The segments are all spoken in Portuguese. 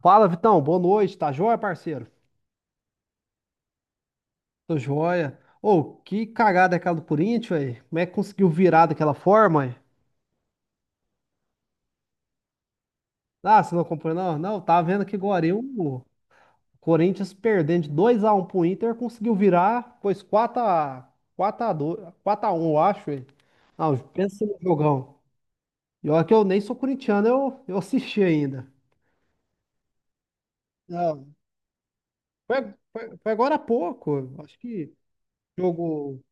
Fala, Vitão. Boa noite. Tá joia, parceiro? Tô joia. Ô, que cagada é aquela do Corinthians, velho. Como é que conseguiu virar daquela forma, ué? Ah, você não acompanhou, não? Não, tava vendo que agora o Corinthians perdendo de 2-1 pro Inter, conseguiu virar, pois 4x2, 4x1, eu acho, ué. Não, pensa no jogão. E olha que eu nem sou corintiano, eu assisti ainda. Não, foi agora há pouco. Acho que jogo.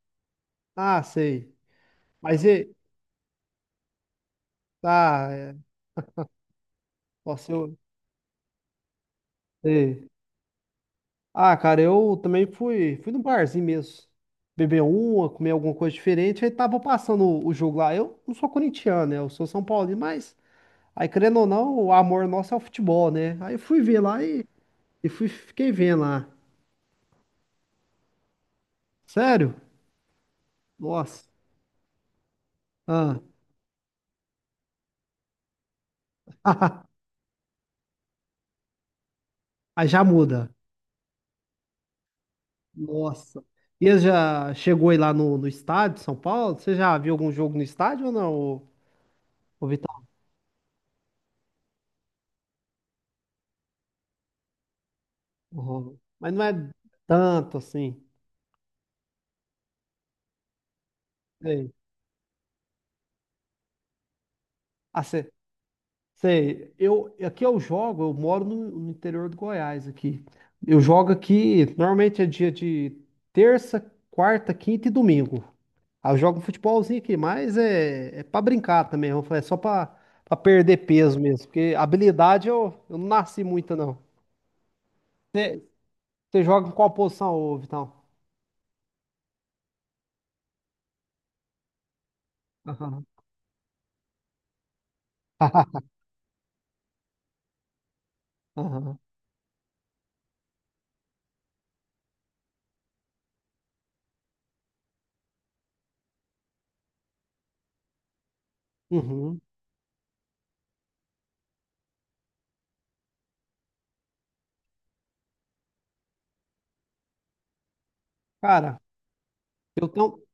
Ah, sei. Mas e. Ah, é. Nossa, eu. Sei. Ah, cara, eu também fui no barzinho mesmo. Beber uma, comer alguma coisa diferente. Aí tava passando o jogo lá. Eu não sou corintiano, né? Eu sou São Paulino, mas aí, querendo ou não, o amor nosso é o futebol, né? Aí eu fui ver lá e fiquei vendo lá. Sério? Nossa. Ah. Aí já muda. Nossa. E você já chegou aí lá no estádio de São Paulo? Você já viu algum jogo no estádio ou não, ô Vitor? Ô, mas não é tanto assim. Sei. Sei, eu aqui eu jogo, eu moro no interior do Goiás aqui. Eu jogo aqui, normalmente é dia de terça, quarta, quinta e domingo. Aí eu jogo um futebolzinho aqui, mas é, é para brincar também, eu falei, é só para perder peso mesmo, porque habilidade eu não nasci muita não. Você você joga em qual posição, ô Vitão? Aham. Aham. Uhum. Cara, eu tenho,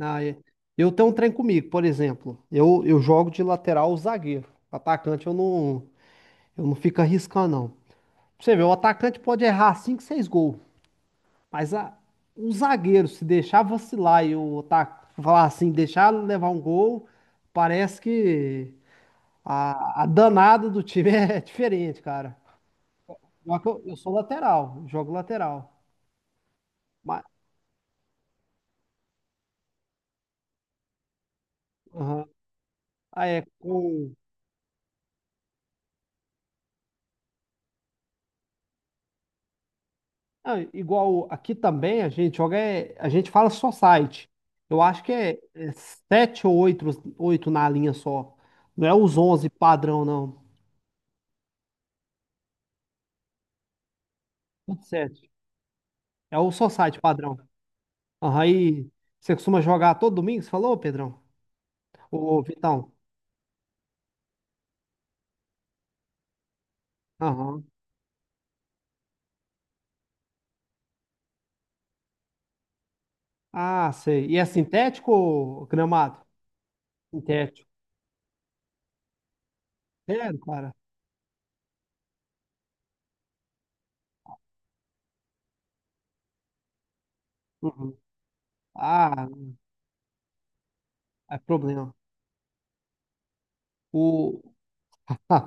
ah, é. Eu tenho um trem comigo, por exemplo. Eu jogo de lateral ou zagueiro. Atacante eu não fico arriscando, não. Pra Você vê, o atacante pode errar 5, 6 gols. Mas o zagueiro, se deixar vacilar e o ataque falar assim, deixar levar um gol, parece que a danada do time é diferente, cara. Só que eu sou lateral, jogo lateral. Mas, aham. Ah, é, com, ah, igual aqui também a gente joga, é, a gente fala só site. Eu acho que é sete ou oito na linha só. Não é os 11 padrão, não. Tudo sete. É o só site padrão. Aí você costuma jogar todo domingo, você falou, Pedrão? Ô, Vitão. Aham. Ah, sei. E é sintético ou gramado? Sintético. Sério, cara? Uhum. Ah, é problema. O,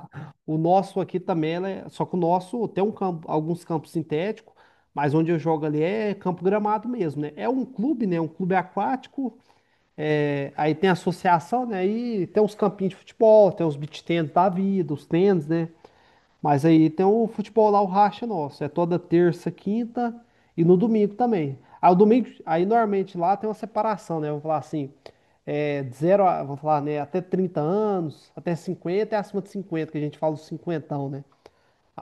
o nosso aqui também, né? Só que o nosso tem um campo, alguns campos sintéticos, mas onde eu jogo ali é campo gramado mesmo, né? É um clube, né? Um clube aquático. É, aí tem a associação, né? Aí tem os campinhos de futebol, tem os beach tennis da vida, os tênis, né? Mas aí tem o futebol lá, o racha nosso. É toda terça, quinta e no domingo também. Aí, o domingo, aí normalmente lá tem uma separação, né? Vamos falar assim, é, de 0 a, vamos falar, né? Até 30 anos, até 50 e acima de 50 que a gente fala os cinquentão, né?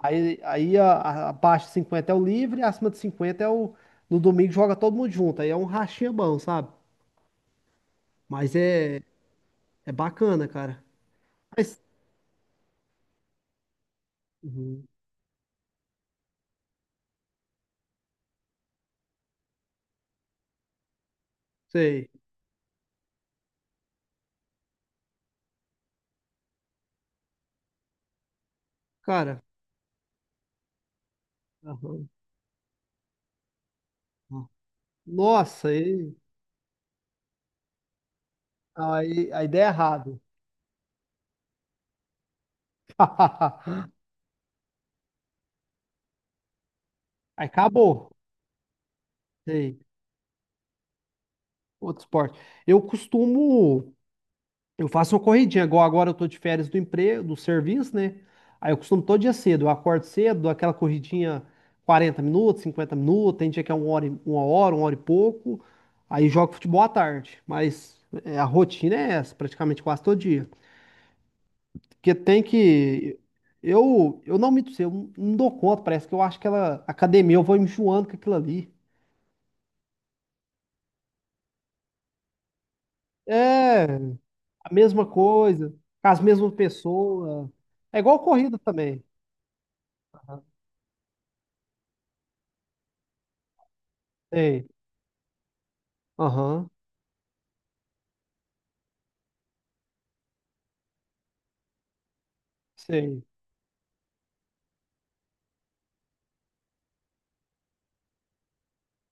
Aí abaixo de 50 é o livre, acima de 50 é o. No domingo joga todo mundo junto. Aí é um rachinha bom, sabe? Mas é, é bacana, cara. Mas, uhum, sei. Cara, aham. Aham. Nossa, aí der errado. Aí acabou. Sei. Outro esporte. Eu costumo. Eu faço uma corridinha, igual agora eu tô de férias do emprego, do serviço, né? Aí eu costumo todo dia cedo. Eu acordo cedo, dou aquela corridinha 40 minutos, 50 minutos. Tem dia que é 1 hora, uma hora, uma hora e pouco. Aí jogo futebol à tarde. Mas é, a rotina é essa, praticamente quase todo dia. Porque tem que. Eu não dou conta, parece que eu acho que ela, academia, eu vou enjoando com aquilo ali. É, a mesma coisa, com as mesmas pessoas. É igual corrida também. Sei. Aham. Sei.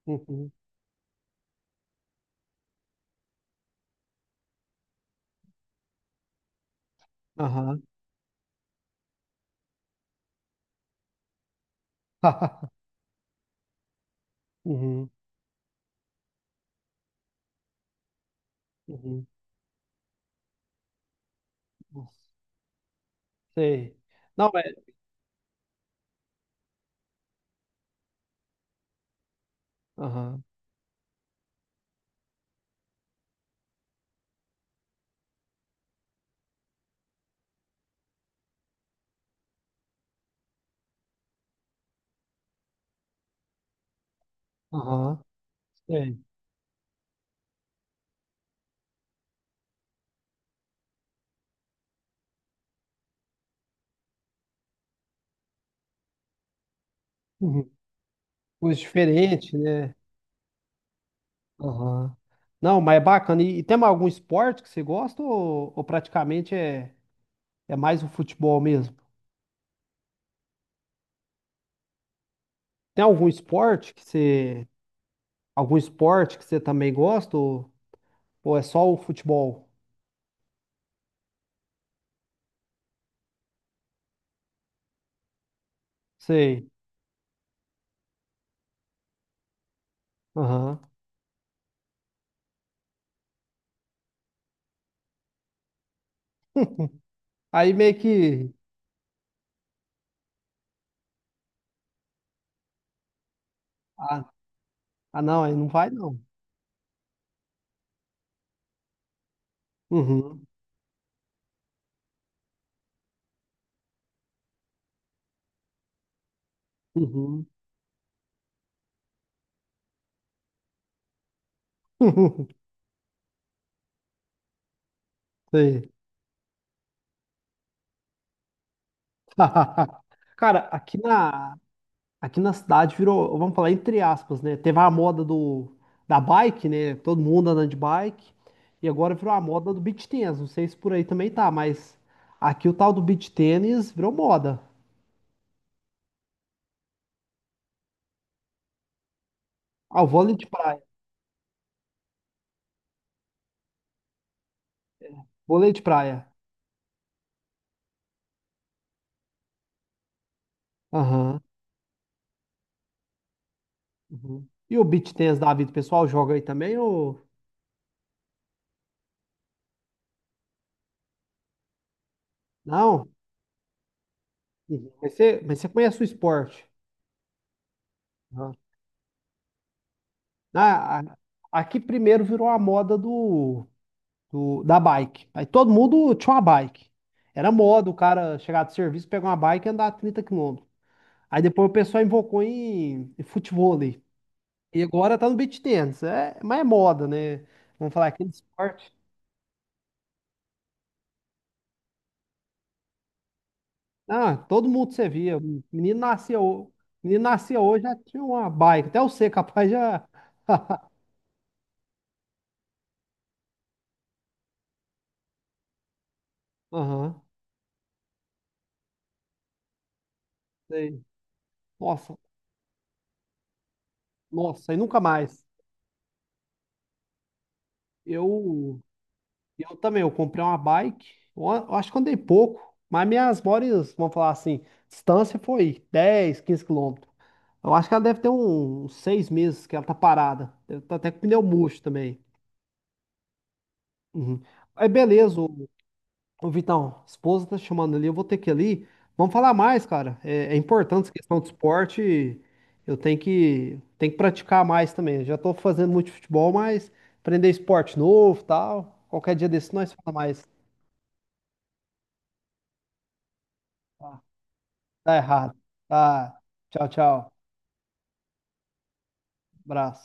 Uhum. Aham. Uhum. Uhum. Nossa, sei. Não, é. Aham. Aham. Sei. Uhum. Coisa diferente, né? Aham. Não, mas é bacana. E tem algum esporte que você gosta ou praticamente é mais o futebol mesmo? Tem algum esporte que você, algum esporte que você também gosta ou é só o futebol? Sei. Aham. Aí meio que. Ah, ah, não, aí não vai não. Uhum. Uhum. Sei. Cara, aqui na cidade virou, vamos falar entre aspas, né? Teve a moda da bike, né? Todo mundo andando de bike. E agora virou a moda do beach tennis. Não sei se por aí também tá, mas aqui o tal do beach tennis virou moda. Ah, o vôlei de praia. Vôlei de praia. Aham. Uhum. E o beach tennis da vida, o pessoal joga aí também ou não? Uhum. Mas você conhece o esporte? Né? Ah, a- aqui primeiro virou a moda da bike. Aí todo mundo tinha uma bike. Era moda o cara chegar do serviço, pegar uma bike e andar 30 km. Aí depois o pessoal invocou em futevôlei. E agora tá no beach tennis. É, mas é moda, né? Vamos falar aqui de esporte. Ah, todo mundo você via. O Menino nascia, ho- Menino nascia hoje já tinha uma bike. Até você, capaz já. Aham. Sei. Nossa. Nossa, e nunca mais. Eu, eu também, eu comprei uma bike, eu acho que andei pouco, mas minhas maiores, vamos falar assim, distância foi 10, 15 km. Eu acho que ela deve ter uns 6 meses que ela tá parada. Deve tá até com pneu murcho também. Uhum. Aí beleza, ô, Vitão, esposa tá chamando ali, eu vou ter que ir ali. Vamos falar mais, cara. É, é importante essa questão de esporte. Eu tenho que praticar mais também. Eu já tô fazendo muito futebol, mas aprender esporte novo, tal. Qualquer dia desse nós fala mais. Tá, tá errado. Tá. Tchau, tchau. Abraço.